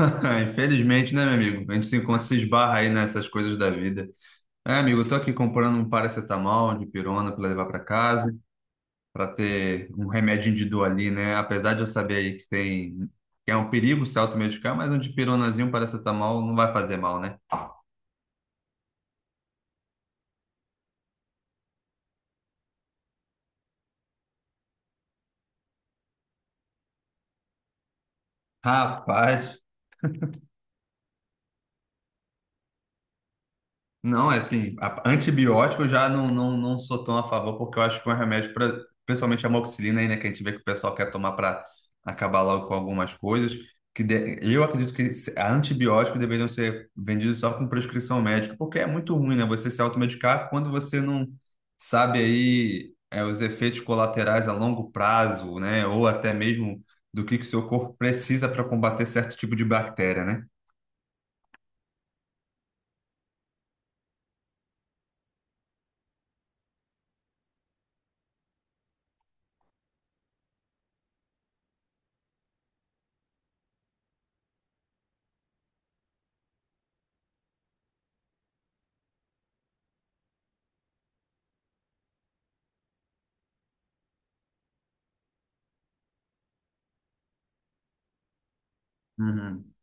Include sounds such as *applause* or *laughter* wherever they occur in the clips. Ah, infelizmente, né, meu amigo? A gente se encontra, se esbarra aí nessas coisas da vida. É, amigo, eu tô aqui comprando um paracetamol de pirona para levar para casa, para ter um remédio de dor ali, né? Apesar de eu saber aí que tem que é um perigo se automedicar, mas um dipironazinho, um paracetamol não vai fazer mal, né? Rapaz, não, é assim, antibiótico eu já não sou tão a favor, porque eu acho que é um remédio, pra, principalmente a amoxicilina aí, né, que a gente vê que o pessoal quer tomar para acabar logo com algumas coisas, eu acredito que se- a antibiótico deveriam ser vendidos só com prescrição médica, porque é muito ruim, né, você se automedicar quando você não sabe aí é, os efeitos colaterais a longo prazo, né, ou até mesmo do que o seu corpo precisa para combater certo tipo de bactéria, né? Uhum.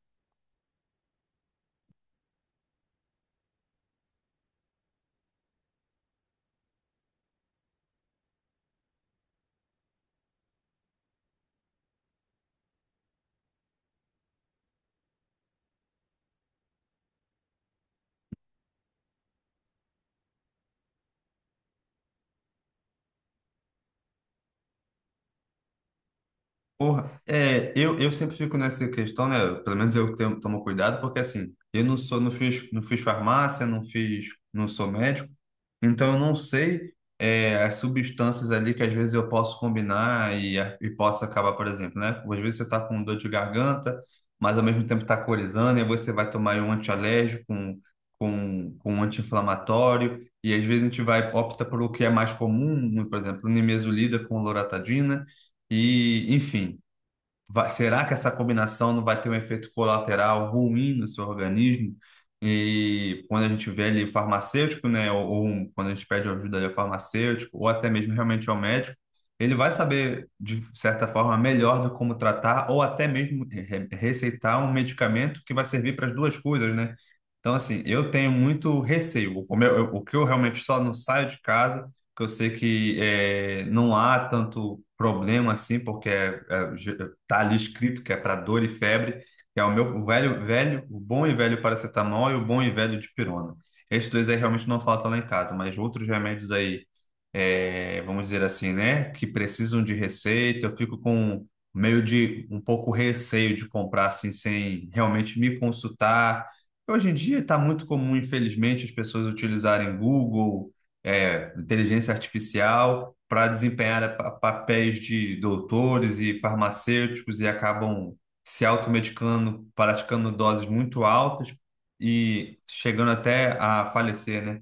Porra, é, eu sempre fico nessa questão, né? Pelo menos eu tenho, tomo cuidado, porque assim, eu não sou, não fiz, não fiz farmácia, não sou médico, então eu não sei é, as substâncias ali que às vezes eu posso combinar e posso acabar, por exemplo, né? Às vezes você tá com dor de garganta, mas ao mesmo tempo tá corizando, e aí você vai tomar aí um antialérgico, um, com um anti-inflamatório, e às vezes a gente vai, opta por o que é mais comum, por exemplo, nimesulida com loratadina, e enfim será que essa combinação não vai ter um efeito colateral ruim no seu organismo? E quando a gente vê ali o farmacêutico, né, ou quando a gente pede ajuda ali ao farmacêutico, ou até mesmo realmente ao médico, ele vai saber, de certa forma, melhor do como tratar, ou até mesmo receitar um medicamento que vai servir para as duas coisas, né? Então, assim, eu tenho muito receio. O que eu realmente só não saio de casa, que eu sei que não há tanto problema assim, porque tá ali escrito que é para dor e febre, que é o meu velho, o bom e velho paracetamol e o bom e velho dipirona. Esses dois aí realmente não faltam lá em casa, mas outros remédios aí é, vamos dizer assim, né, que precisam de receita, eu fico com meio de um pouco receio de comprar assim sem realmente me consultar. Hoje em dia está muito comum, infelizmente, as pessoas utilizarem Google, é, inteligência artificial para desempenhar papéis de doutores e farmacêuticos e acabam se automedicando, praticando doses muito altas e chegando até a falecer, né?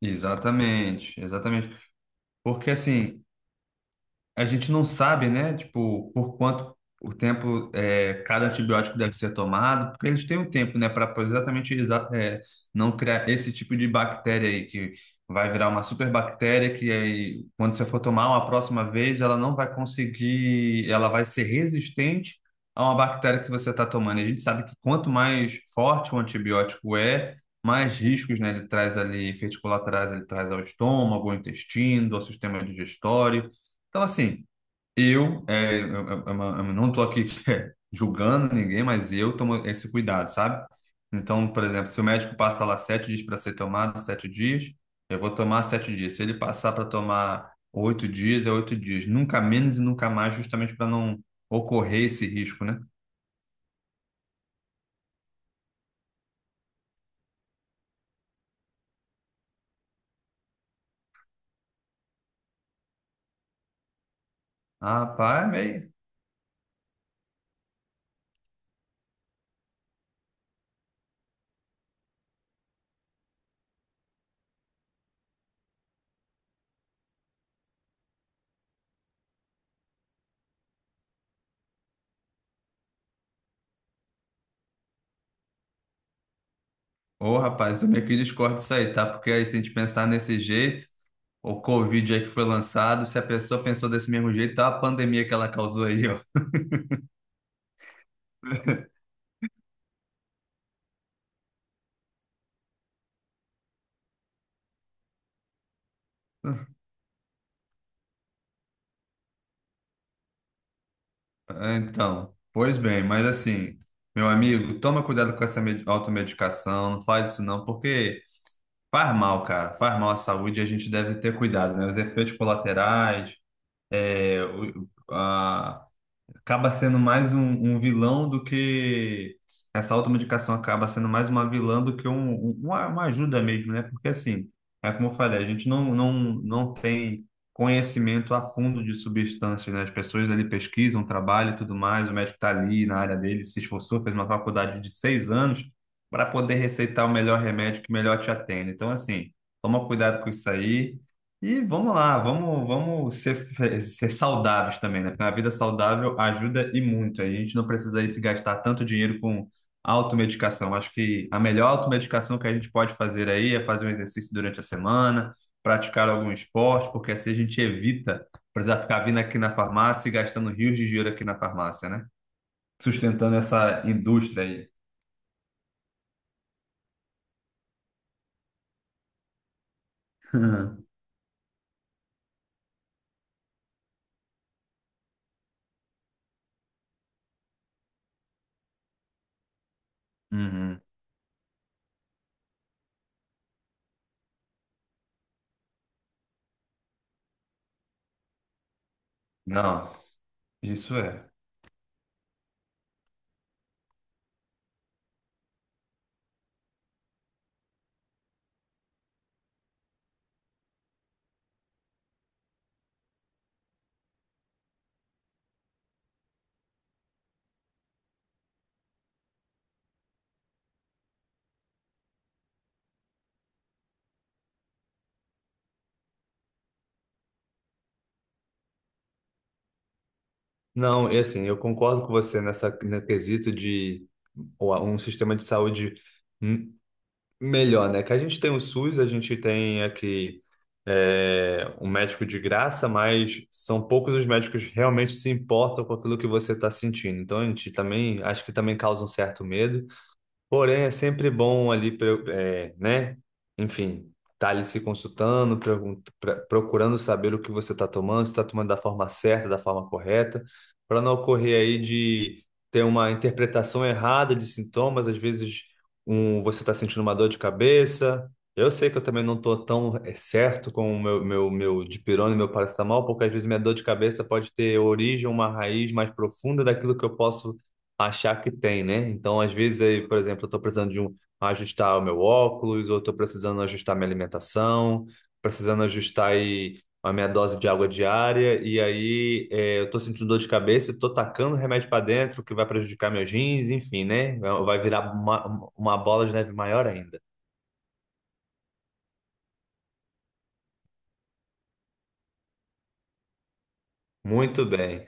Exatamente, exatamente. Porque assim, a gente não sabe, né, tipo, por quanto o tempo é, cada antibiótico deve ser tomado, porque eles têm um tempo, né, para é, não criar esse tipo de bactéria aí, que vai virar uma superbactéria que aí, quando você for tomar uma próxima vez, ela não vai conseguir, ela vai ser resistente a uma bactéria que você está tomando. E a gente sabe que quanto mais forte o antibiótico é, mais riscos, né, ele traz ali, efeitos colaterais, ele traz ao estômago, ao intestino, ao sistema digestório. Então, assim, eu, é, eu não estou aqui *laughs* julgando ninguém, mas eu tomo esse cuidado, sabe? Então, por exemplo, se o médico passa lá 7 dias para ser tomado, 7 dias, eu vou tomar 7 dias. Se ele passar para tomar 8 dias, é 8 dias. Nunca menos e nunca mais, justamente para não ocorrer esse risco, né? Ah, rapaz, é meio... Ô, rapaz, eu meio que discordo disso aí, tá? Porque aí, se a gente pensar nesse jeito, o Covid aí que foi lançado, se a pessoa pensou desse mesmo jeito, tá a pandemia que ela causou aí, ó. É, então, pois bem, mas assim, meu amigo, toma cuidado com essa automedicação, não faz isso não, porque faz mal, cara, faz mal à saúde e a gente deve ter cuidado, né? Os efeitos colaterais, acaba sendo mais um, um vilão do que essa automedicação acaba sendo mais uma vilã do que uma ajuda mesmo, né? Porque assim, é como eu falei, a gente não tem conhecimento a fundo de substâncias, né? As pessoas ali pesquisam, trabalham e tudo mais, o médico está ali na área dele, se esforçou, fez uma faculdade de 6 anos para poder receitar o melhor remédio que melhor te atende. Então, assim, toma cuidado com isso aí. E vamos lá, vamos ser saudáveis também, né? Porque a vida saudável ajuda e muito. A gente não precisa aí se gastar tanto dinheiro com automedicação. Acho que a melhor automedicação que a gente pode fazer aí é fazer um exercício durante a semana, praticar algum esporte, porque assim a gente evita precisar ficar vindo aqui na farmácia e gastando rios de dinheiro aqui na farmácia, né? Sustentando essa indústria aí. *laughs* Uhum. Não, isso é. Não, e assim, eu concordo com você nessa no quesito de um sistema de saúde m- melhor, né? Que a gente tem o SUS, a gente tem aqui é, um médico de graça, mas são poucos os médicos que realmente se importam com aquilo que você está sentindo. Então, a gente também, acho que também causa um certo medo. Porém, é sempre bom ali, é, né? Enfim, tá ali se consultando, procurando saber o que você está tomando, se está tomando da forma certa, da forma correta, para não ocorrer aí de ter uma interpretação errada de sintomas. Às vezes, um, você está sentindo uma dor de cabeça. Eu sei que eu também não estou tão é, certo com o meu dipirona e meu paracetamol, porque às vezes minha dor de cabeça pode ter origem, uma raiz mais profunda daquilo que eu posso achar que tem, né? Então, às vezes, aí, por exemplo, eu estou precisando de ajustar o meu óculos, ou estou precisando ajustar minha alimentação, precisando ajustar aí a minha dose de água diária, e aí é, eu estou sentindo dor de cabeça, estou tacando remédio para dentro, que vai prejudicar meus rins, enfim, né? É, vai virar uma bola de neve maior ainda. Muito bem.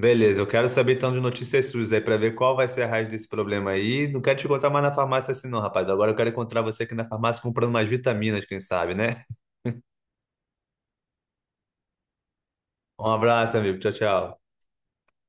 Beleza, eu quero saber então de notícias suas aí para ver qual vai ser a raiz desse problema aí. Não quero te encontrar mais na farmácia assim não, rapaz. Agora eu quero encontrar você aqui na farmácia comprando mais vitaminas, quem sabe, né? Um abraço, amigo. Tchau, tchau.